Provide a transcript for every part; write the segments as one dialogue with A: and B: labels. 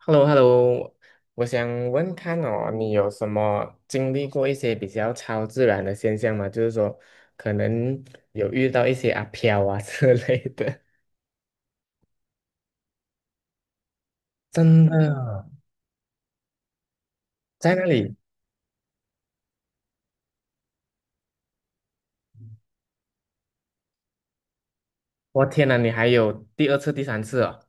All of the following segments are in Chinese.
A: h e l l o h e l l o。 我想问看哦，你有什么经历过一些比较超自然的现象吗？就是说，可能有遇到一些阿飘啊之类的。真的，在那里，我天哪，你还有第二次、第三次哦？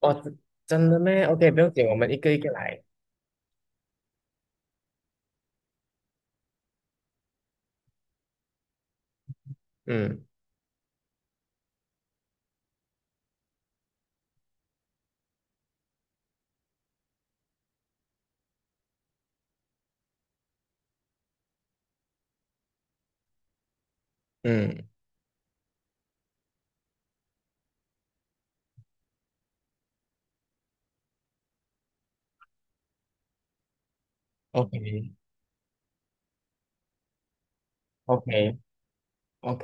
A: 哦，真的咩？OK，不用紧，我们一个一个来。嗯嗯，OK OK OK，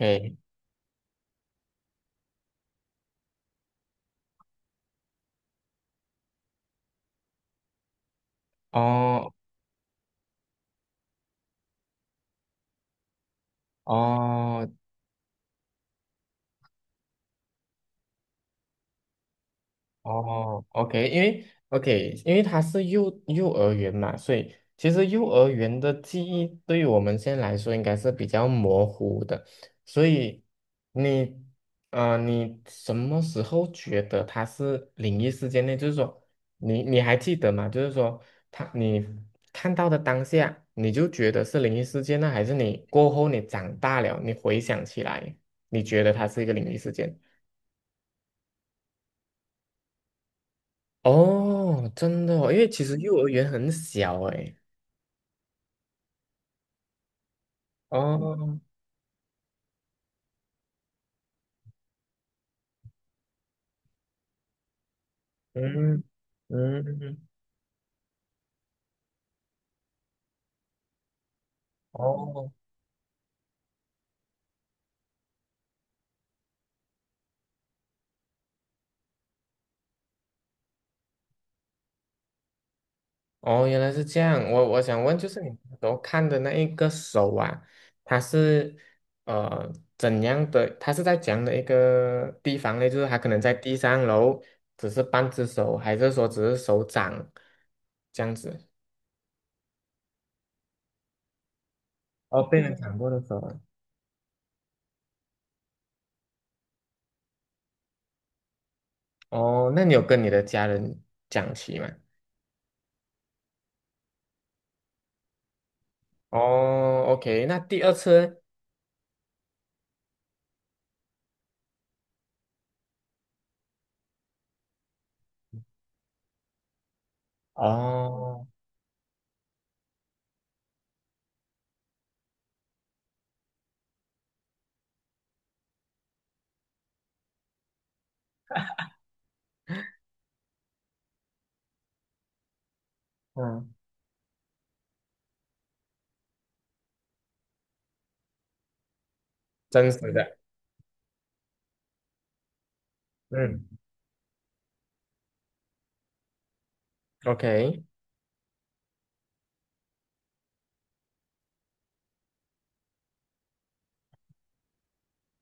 A: 哦哦，哦，OK，因为他是幼儿园嘛，所以其实幼儿园的记忆对于我们现在来说应该是比较模糊的，所以你啊，你什么时候觉得它是灵异事件呢？就是说，你还记得吗？就是说，你看到的当下，你就觉得是灵异事件呢，还是你过后你长大了，你回想起来，你觉得它是一个灵异事件？哦，真的哦，因为其实幼儿园很小诶。哦，嗯嗯，哦哦，原来是这样。我想问，就是你都看的那一个手啊，它是怎样的？它是在怎样的一个地方呢？就是它可能在地上，然后只是半只手，还是说只是手掌这样子？哦，被人砍过的手啊。哦，那你有跟你的家人讲起吗？哦，OK，那第二次呢？哦，嗯，真实的，嗯，OK，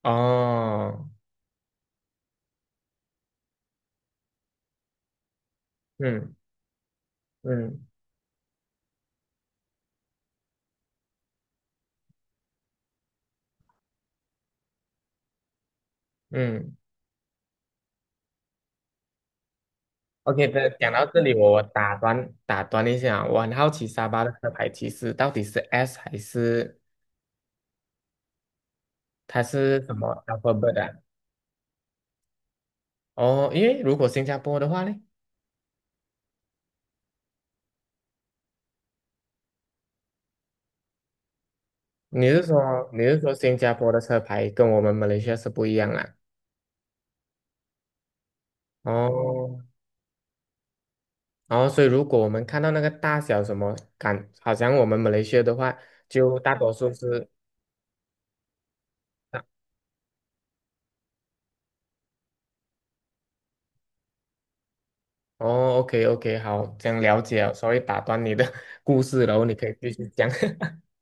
A: 哦，嗯嗯嗯，OK 的。讲到这里，我我打断一下，我很好奇沙巴的车牌其实到底是 S 还是它是什么 alphabet 的啊？哦，因为如果新加坡的话呢，你是说新加坡的车牌跟我们马来西亚是不一样啊？哦，然后所以如果我们看到那个大小什么感，好像我们马来西亚的话，就大多数是。哦，OK OK，好，这样了解了。s o 打断你的 故事，然后你可以继续讲。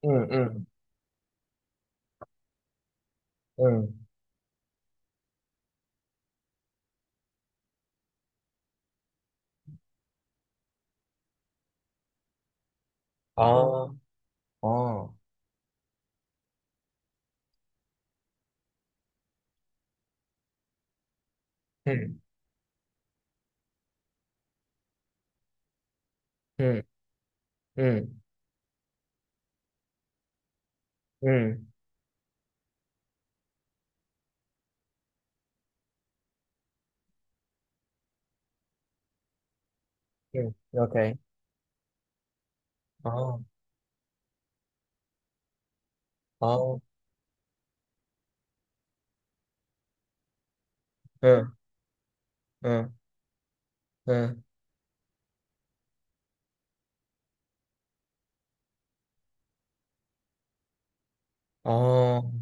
A: 嗯嗯嗯，哦哦，嗯嗯嗯嗯嗯，OK，哦哦，嗯嗯嗯，哦，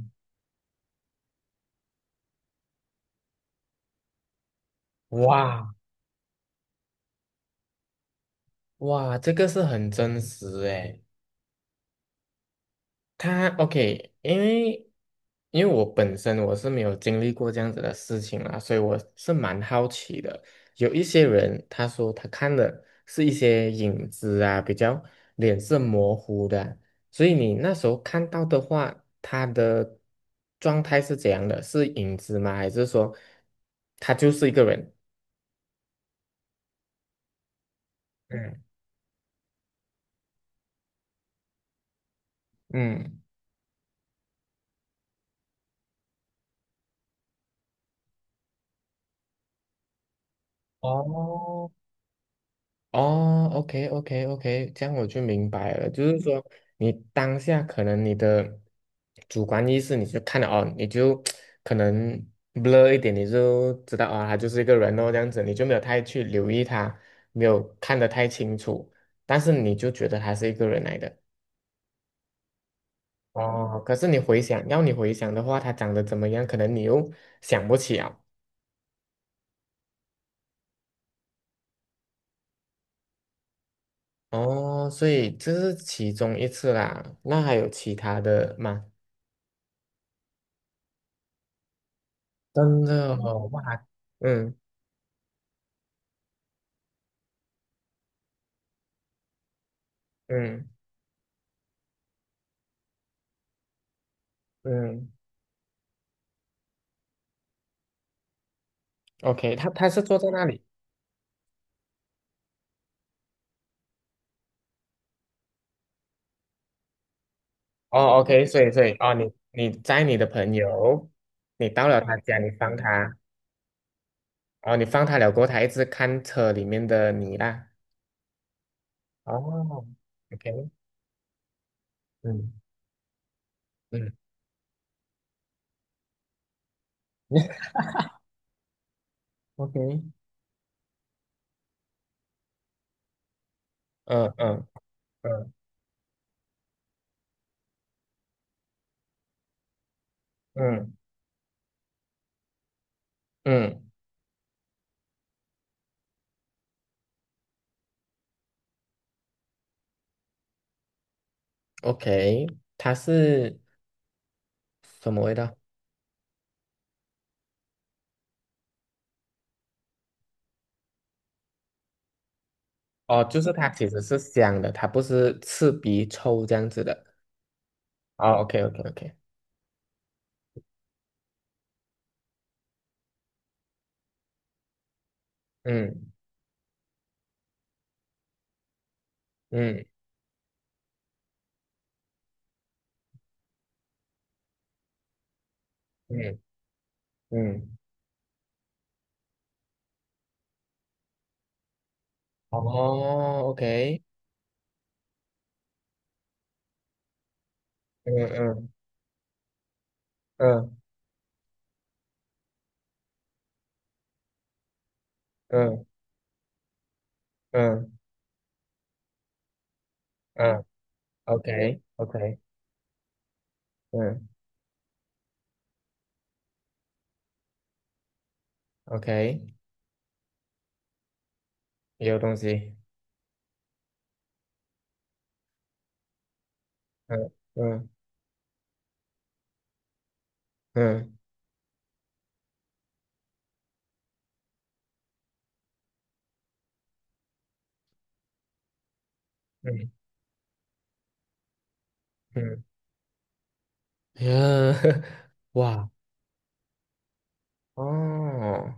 A: 哇哇，这个是很真实诶。OK，因为我本身我是没有经历过这样子的事情啦，所以我是蛮好奇的。有一些人他说他看的是一些影子啊，比较脸色模糊的啊，所以你那时候看到的话，他的状态是怎样的？是影子吗？还是说他就是一个人？嗯嗯哦，哦，OK，OK，OK，这样我就明白了。就是说，你当下可能你的主观意识，你就看了哦，你就可能 blur 一点，你就知道啊、他就是一个人哦，这样子，你就没有太去留意他，没有看得太清楚，但是你就觉得他是一个人来的。哦，可是你回想，要你回想的话，他长得怎么样，可能你又想不起啊。哦，所以这是其中一次啦。那还有其他的吗？真的哦，哇，嗯嗯嗯，OK，他是坐在那里，哦，OK，所以哦，你在你的朋友，你到了他家，你放他，哦，你放他了过后，他一直看车里面的你啦，哦，OK，嗯嗯 ，OK，嗯嗯嗯嗯嗯，OK，它是什么味道？哦，就是它其实是香的，它不是刺鼻臭这样子的。哦，OK OK OK，嗯嗯。嗯嗯，哦，OK，嗯嗯嗯嗯嗯嗯，OK OK，嗯 OK，也有东西。嗯嗯嗯嗯嗯，嗯，哇，哦，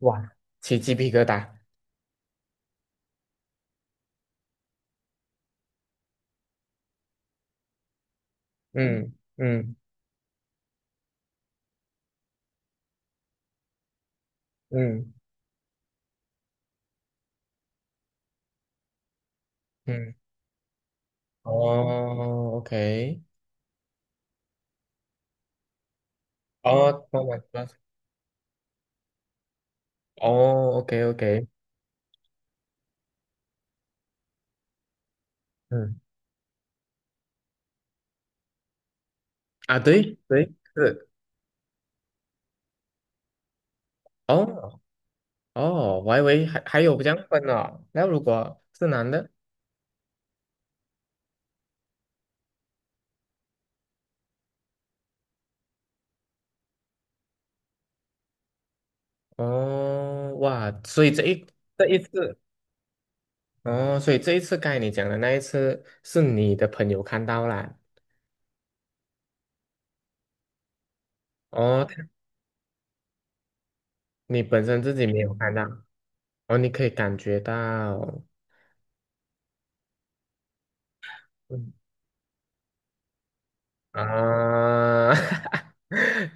A: 哇，起鸡皮疙瘩。嗯嗯嗯嗯，哦，OK，哦，慢慢慢慢，哦，OK OK，嗯，啊，对对是，哦，哦，我还以为还有这样分哦。那如果是男的，哦，哇，所以这一次，哦，所以这一次该你讲的那一次是你的朋友看到啦，哦，你本身自己没有看到，哦，你可以感觉到，嗯啊，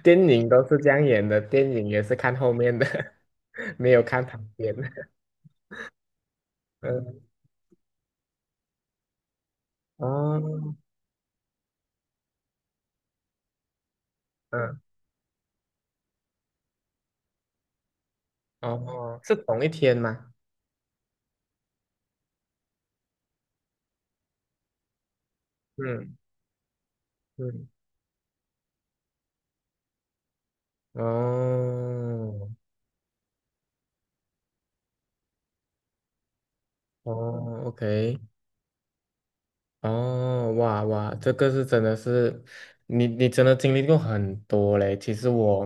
A: 电影都是这样演的，电影也是看后面的，没有看旁边的，嗯，哦，嗯，哦，是同一天吗？嗯嗯。哦，哦，OK，哦，哇哇，这个是真的是，你你真的经历过很多嘞。其实我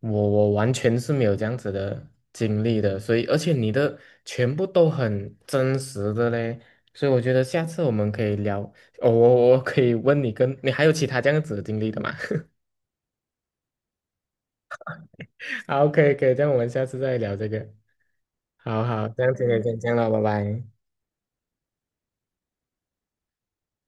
A: 我我完全是没有这样子的经历的，所以而且你的全部都很真实的嘞，所以我觉得下次我们可以聊。哦，我我可以问你跟你还有其他这样子的经历的吗？好，可以可以，这样我们下次再聊这个。好好，这样今天先这样了，拜拜。